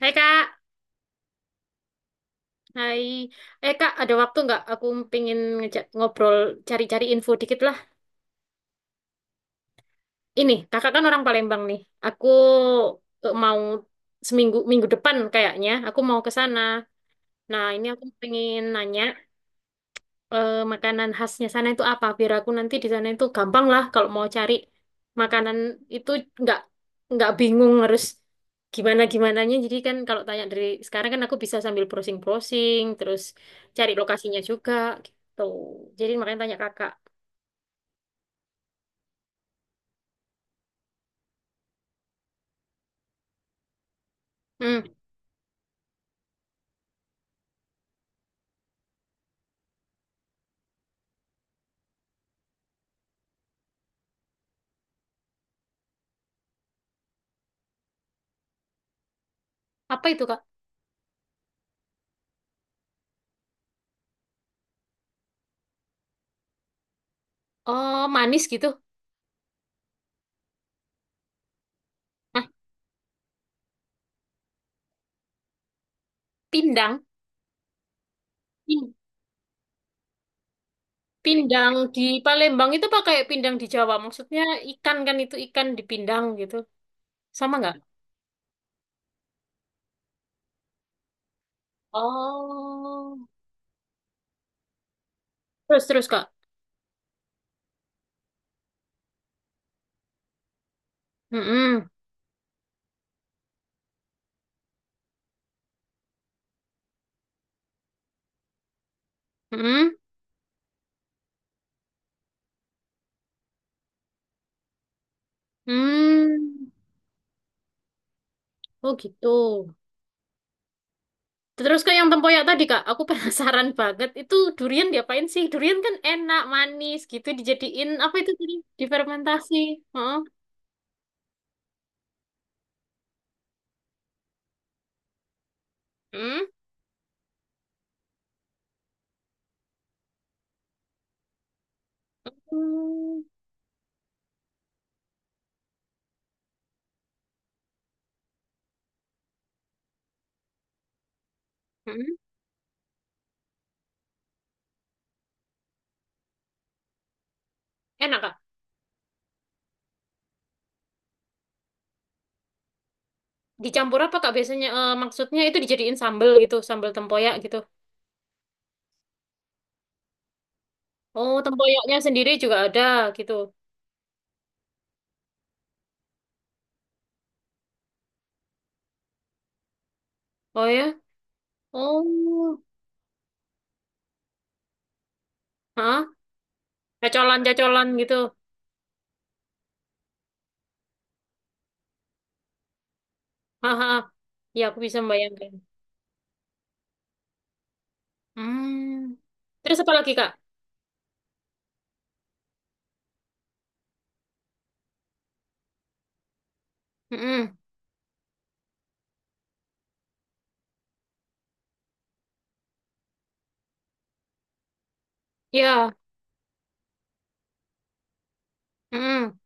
Hai Kak, hai. Eh Kak, ada waktu nggak? Aku pingin ngejak ngobrol, cari-cari info dikit lah. Ini, Kakak kan orang Palembang nih. Aku mau minggu depan kayaknya, aku mau ke sana. Nah, ini aku pengen nanya, makanan khasnya sana itu apa biar aku nanti di sana itu gampang lah kalau mau cari makanan itu nggak nggak bingung harus gimana gimananya, jadi kan kalau tanya dari sekarang kan aku bisa sambil browsing browsing terus cari lokasinya juga gitu, jadi makanya tanya kakak. Hmm, apa itu Kak? Oh, manis gitu. Nah, pindang. Pin- Pindang di Palembang itu pakai pindang di Jawa maksudnya, ikan kan itu ikan dipindang gitu, sama nggak? Oh. Terus, terus Kak. Mm-mm, mm-mm, mm. Oh gitu. Terus ke yang tempoyak tadi Kak, aku penasaran banget. Itu durian diapain sih? Durian kan enak, manis gitu, dijadiin apa itu tadi? Difermentasi. Heeh. Hmm. Hmm. Hmm. Enak Kak. Dicampur apa Kak biasanya? Maksudnya itu dijadiin sambel gitu, sambel tempoyak gitu. Oh, tempoyaknya sendiri juga ada gitu. Oh ya? Oh. Hah? Cacolan-cacolan gitu. Haha. Ya, aku bisa membayangkan. Hmm. Terus apa lagi, Kak? Hmm. Ya. Hmm.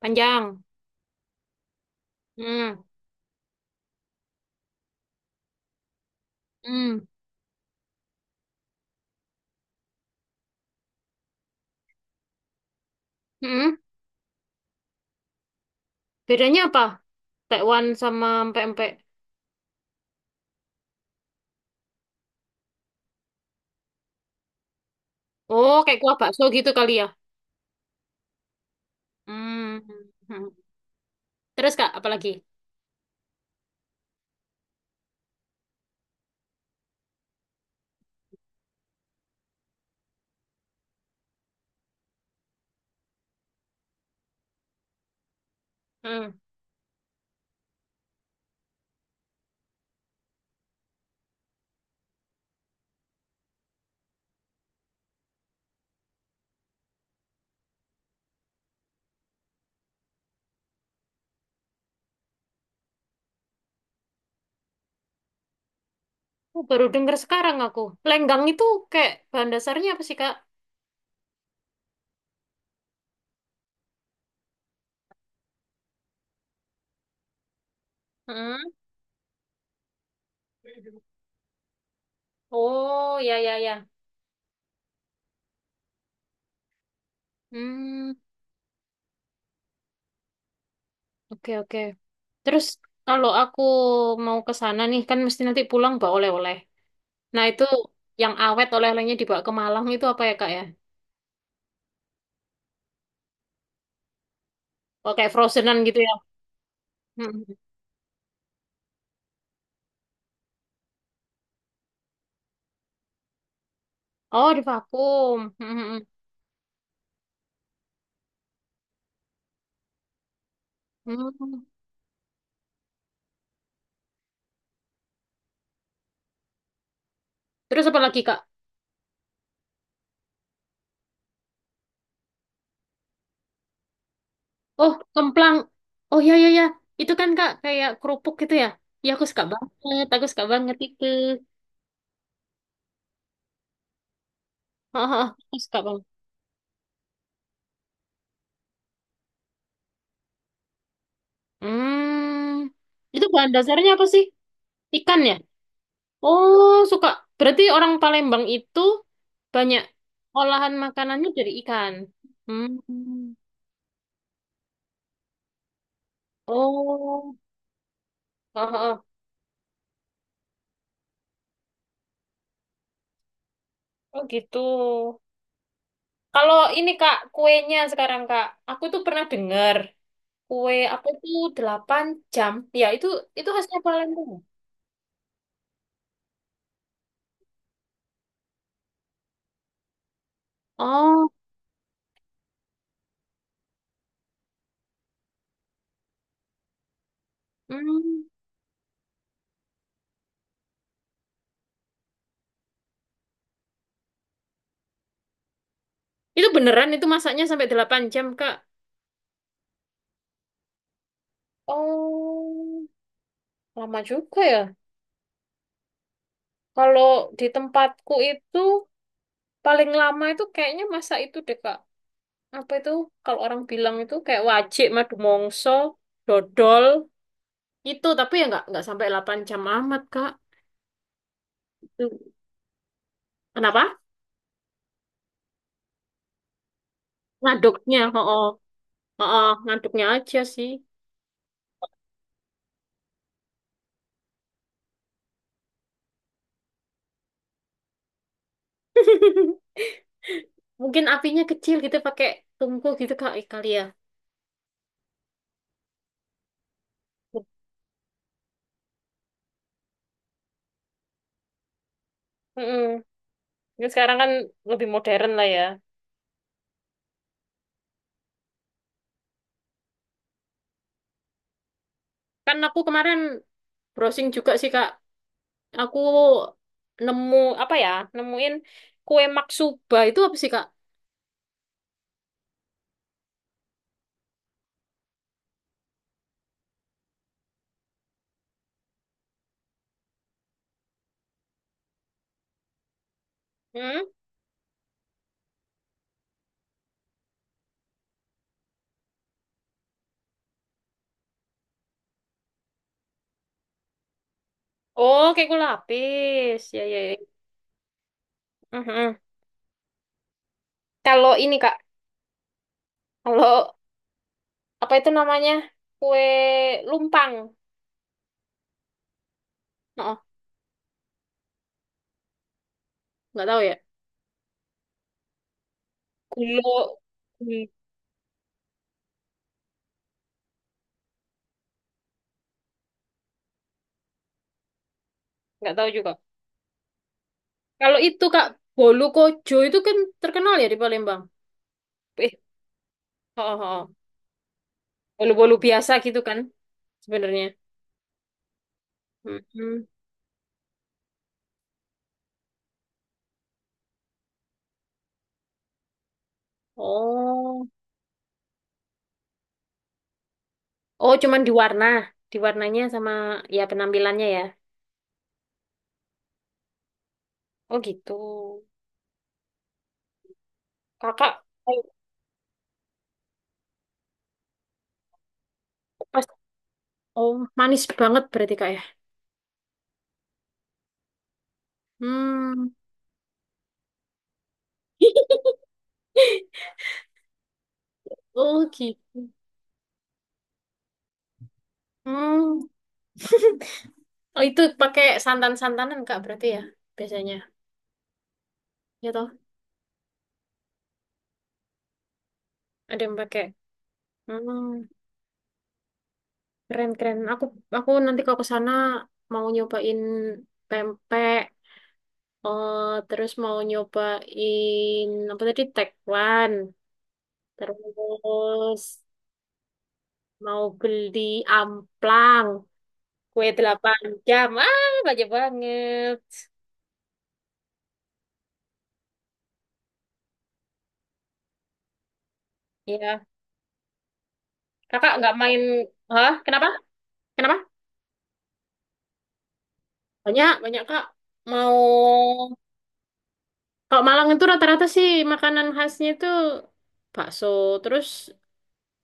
Panjang. Hmm. Hmm. Hmm. Bedanya apa? Tekwan sama pempek. Oh, kayak kuah bakso gitu kali ya. Hmm. Hmm. Terus, Kak, apa lagi? Hmm. Oh, baru dengar sekarang aku. Lenggang itu kayak bahan dasarnya apa sih, Kak? Hmm. Oh, ya, ya, ya. Hmm. Oke, oke. Terus, kalau aku mau ke sana nih kan mesti nanti pulang bawa oleh-oleh. Nah, itu yang awet oleh-olehnya dibawa ke Malang itu apa ya, Kak ya? Oh, kayak frozenan gitu ya. Mm-mm. Oh, di vakum. Mm-mm. Mm. Terus apa lagi, Kak? Oh, kemplang. Oh, ya, ya, ya. Itu kan Kak, kayak kerupuk gitu ya. Ya, aku suka banget. Aku suka banget itu. Ah, ah, ah. Aku suka banget. Hmm. Itu bahan dasarnya apa sih? Ikan ya? Oh, suka. Berarti orang Palembang itu banyak olahan makanannya dari ikan. Hmm. Oh. Heeh. Oh gitu. Kalau ini Kak, kuenya sekarang Kak, aku tuh pernah dengar kue apa tuh 8 jam. Ya, itu khasnya Palembang. Oh, hmm. Itu beneran itu masaknya sampai 8 jam, Kak? Oh, lama juga ya. Kalau di tempatku itu paling lama itu kayaknya masa itu deh, Kak. Apa itu? Kalau orang bilang itu kayak wajik, madu mongso, dodol, itu tapi ya nggak sampai 8 jam amat, Kak. Itu- Kenapa? Oh, oh, ngaduknya aja sih. Mungkin apinya kecil gitu, pakai tungku gitu, kali kali ya. Mm-mm. Ini sekarang kan lebih modern lah ya. Kan aku kemarin browsing juga sih Kak, aku nemu apa ya nemuin kue maksuba itu apa sih Kak? Hmm? Oh, kayak kue lapis. Ya, ya, ya. Mhm. Kalau ini, Kak. Kalau apa itu namanya? Kue lumpang. Oh, nggak tahu ya. Gulo. Nggak tahu juga. Kalau itu Kak, bolu kojo itu kan terkenal ya di Palembang. Eh, oh, oh, oh. Bolu-bolu biasa gitu kan sebenarnya. Mm-mm. Oh, oh cuman di warnanya sama ya penampilannya ya. Oh gitu. Kakak, eh, pas, oh, manis banget berarti Kak ya. Hmm. Oh gitu. Hmm. Oh, itu pakai santan-santanan Kak berarti ya biasanya. Ya toh, ada yang pakai. Hmm. Keren, keren. Aku nanti kalau ke sana mau nyobain pempek, eh, terus mau nyobain apa tadi tekwan, terus mau beli amplang, kue delapan jam. Ah, banyak banget. Iya, kakak nggak main? Hah? Kenapa? Kenapa? Banyak, banyak Kak. Mau Kalau Malang itu rata-rata sih makanan khasnya itu bakso, terus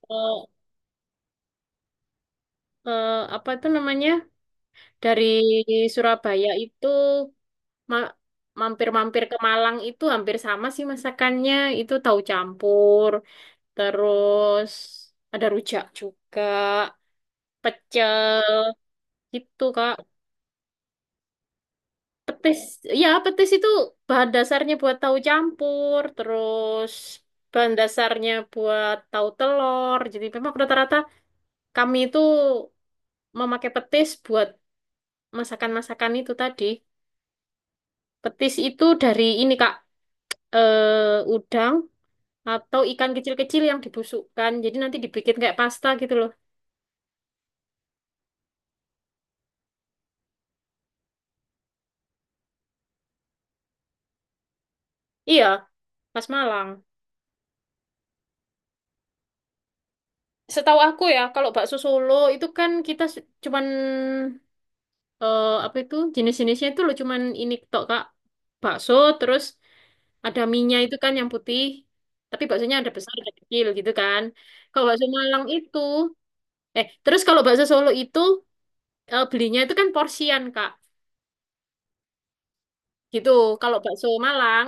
eh, apa itu namanya? Dari Surabaya itu ma- mampir-mampir ke Malang itu hampir sama sih masakannya. Itu tahu campur, terus ada rujak juga, pecel gitu Kak. Petis, ya petis itu bahan dasarnya buat tahu campur, terus bahan dasarnya buat tahu telur. Jadi memang rata-rata kami itu memakai petis buat masakan-masakan itu tadi. Petis itu dari ini Kak, udang atau ikan kecil-kecil yang dibusukkan. Jadi nanti dibikin kayak pasta gitu loh. Iya, khas Malang. Setahu aku ya, kalau bakso Solo itu kan kita cuman apa itu jenis-jenisnya itu loh cuman ini tok Kak. Bakso terus ada minyak itu kan yang putih. Tapi baksonya ada besar, ada kecil gitu kan. Kalau bakso Malang itu Kalau bakso Solo itu belinya itu kan porsian Kak. Gitu. Kalau bakso Malang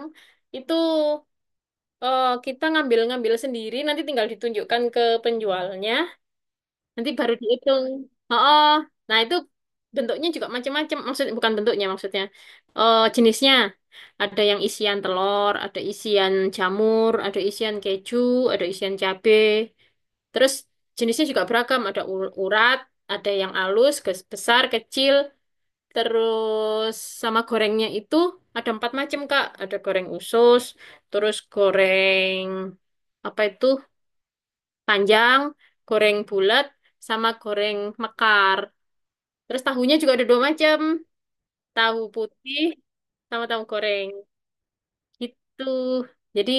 itu kita ngambil-ngambil sendiri, nanti tinggal ditunjukkan ke penjualnya, nanti baru dihitung. Oh, oh. Nah itu bentuknya juga macam-macam, maksud bukan bentuknya maksudnya, jenisnya. Ada yang isian telur, ada isian jamur, ada isian keju, ada isian cabe. Terus jenisnya juga beragam, ada urat, ada yang halus, besar, kecil. Terus sama gorengnya itu ada empat macam, Kak. Ada goreng usus, terus goreng apa itu panjang, goreng bulat, sama goreng mekar. Terus tahunya juga ada dua macam, tahu putih sama tahu goreng. Gitu. Jadi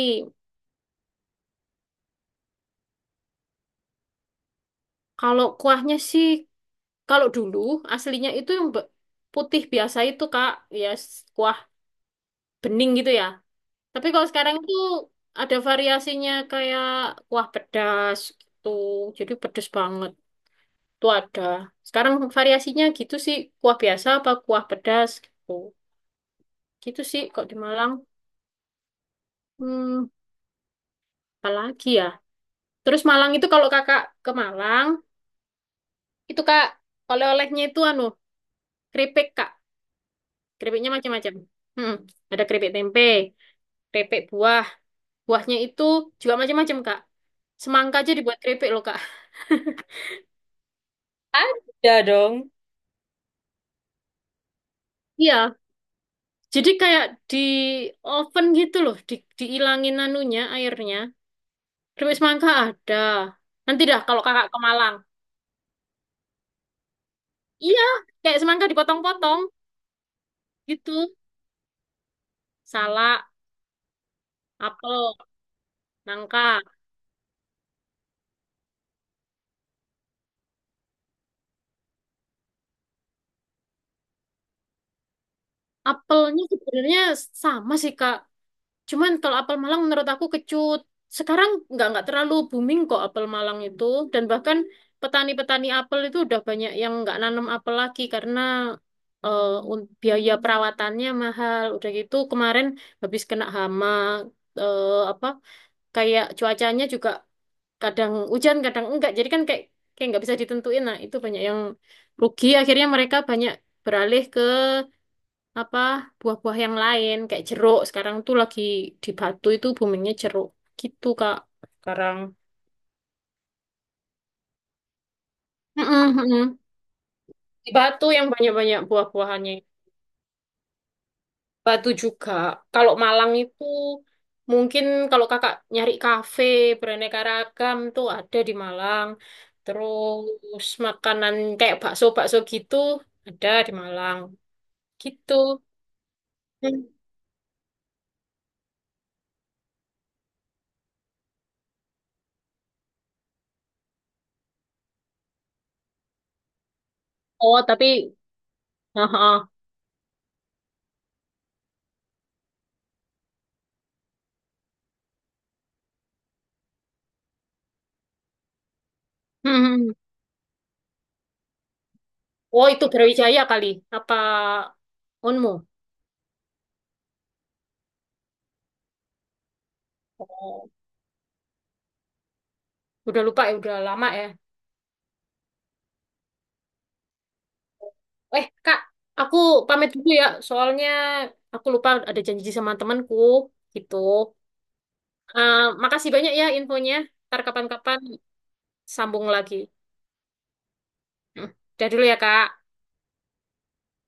kalau kuahnya sih, kalau dulu aslinya itu yang putih biasa itu, Kak. Ya kuah bening gitu ya. Tapi kalau sekarang itu ada variasinya kayak kuah pedas gitu. Jadi pedas banget. Itu ada. Sekarang variasinya gitu sih. Kuah biasa apa kuah pedas gitu. Gitu sih kok di Malang. Hmm, apa lagi ya? Terus Malang itu kalau kakak ke Malang, itu Kak oleh-olehnya itu anu, keripik Kak. Keripiknya macam-macam. Hmm, ada keripik tempe, keripik buah. Buahnya itu juga macam-macam Kak. Semangka aja dibuat keripik loh Kak. Ada dong. Iya, jadi kayak di oven gitu loh, diilangin anunya airnya. Keripik semangka ada. Nanti dah kalau kakak ke Malang. Iya, kayak semangka dipotong-potong gitu. Salak, apel, nangka. Apelnya sebenarnya sama sih Kak, cuman kalau apel Malang menurut aku kecut. Sekarang nggak terlalu booming kok apel Malang itu, dan bahkan petani-petani apel itu udah banyak yang nggak nanam apel lagi karena eh, biaya perawatannya mahal. Udah gitu kemarin habis kena hama, eh, apa kayak cuacanya juga kadang hujan kadang enggak. Jadi kan kayak kayak nggak bisa ditentuin. Nah, itu banyak yang rugi akhirnya mereka banyak beralih apa buah-buah yang lain kayak jeruk sekarang tuh lagi di Batu itu boomingnya jeruk gitu Kak sekarang. Mm-mm, mm-mm. Di Batu yang banyak-banyak buah-buahannya. Batu juga, kalau Malang itu mungkin kalau kakak nyari kafe beraneka ragam tuh ada di Malang, terus makanan kayak bakso-bakso gitu ada di Malang gitu. Hmm. Oh tapi heeh. Oh, itu Brawijaya kali. Apa Onmu? Oh, udah lupa ya, udah lama ya. Eh Kak, aku pamit dulu ya. Soalnya aku lupa ada janji sama temanku gitu. Eh, makasih banyak ya infonya. Ntar kapan-kapan sambung lagi. Hmm, udah dulu ya, Kak.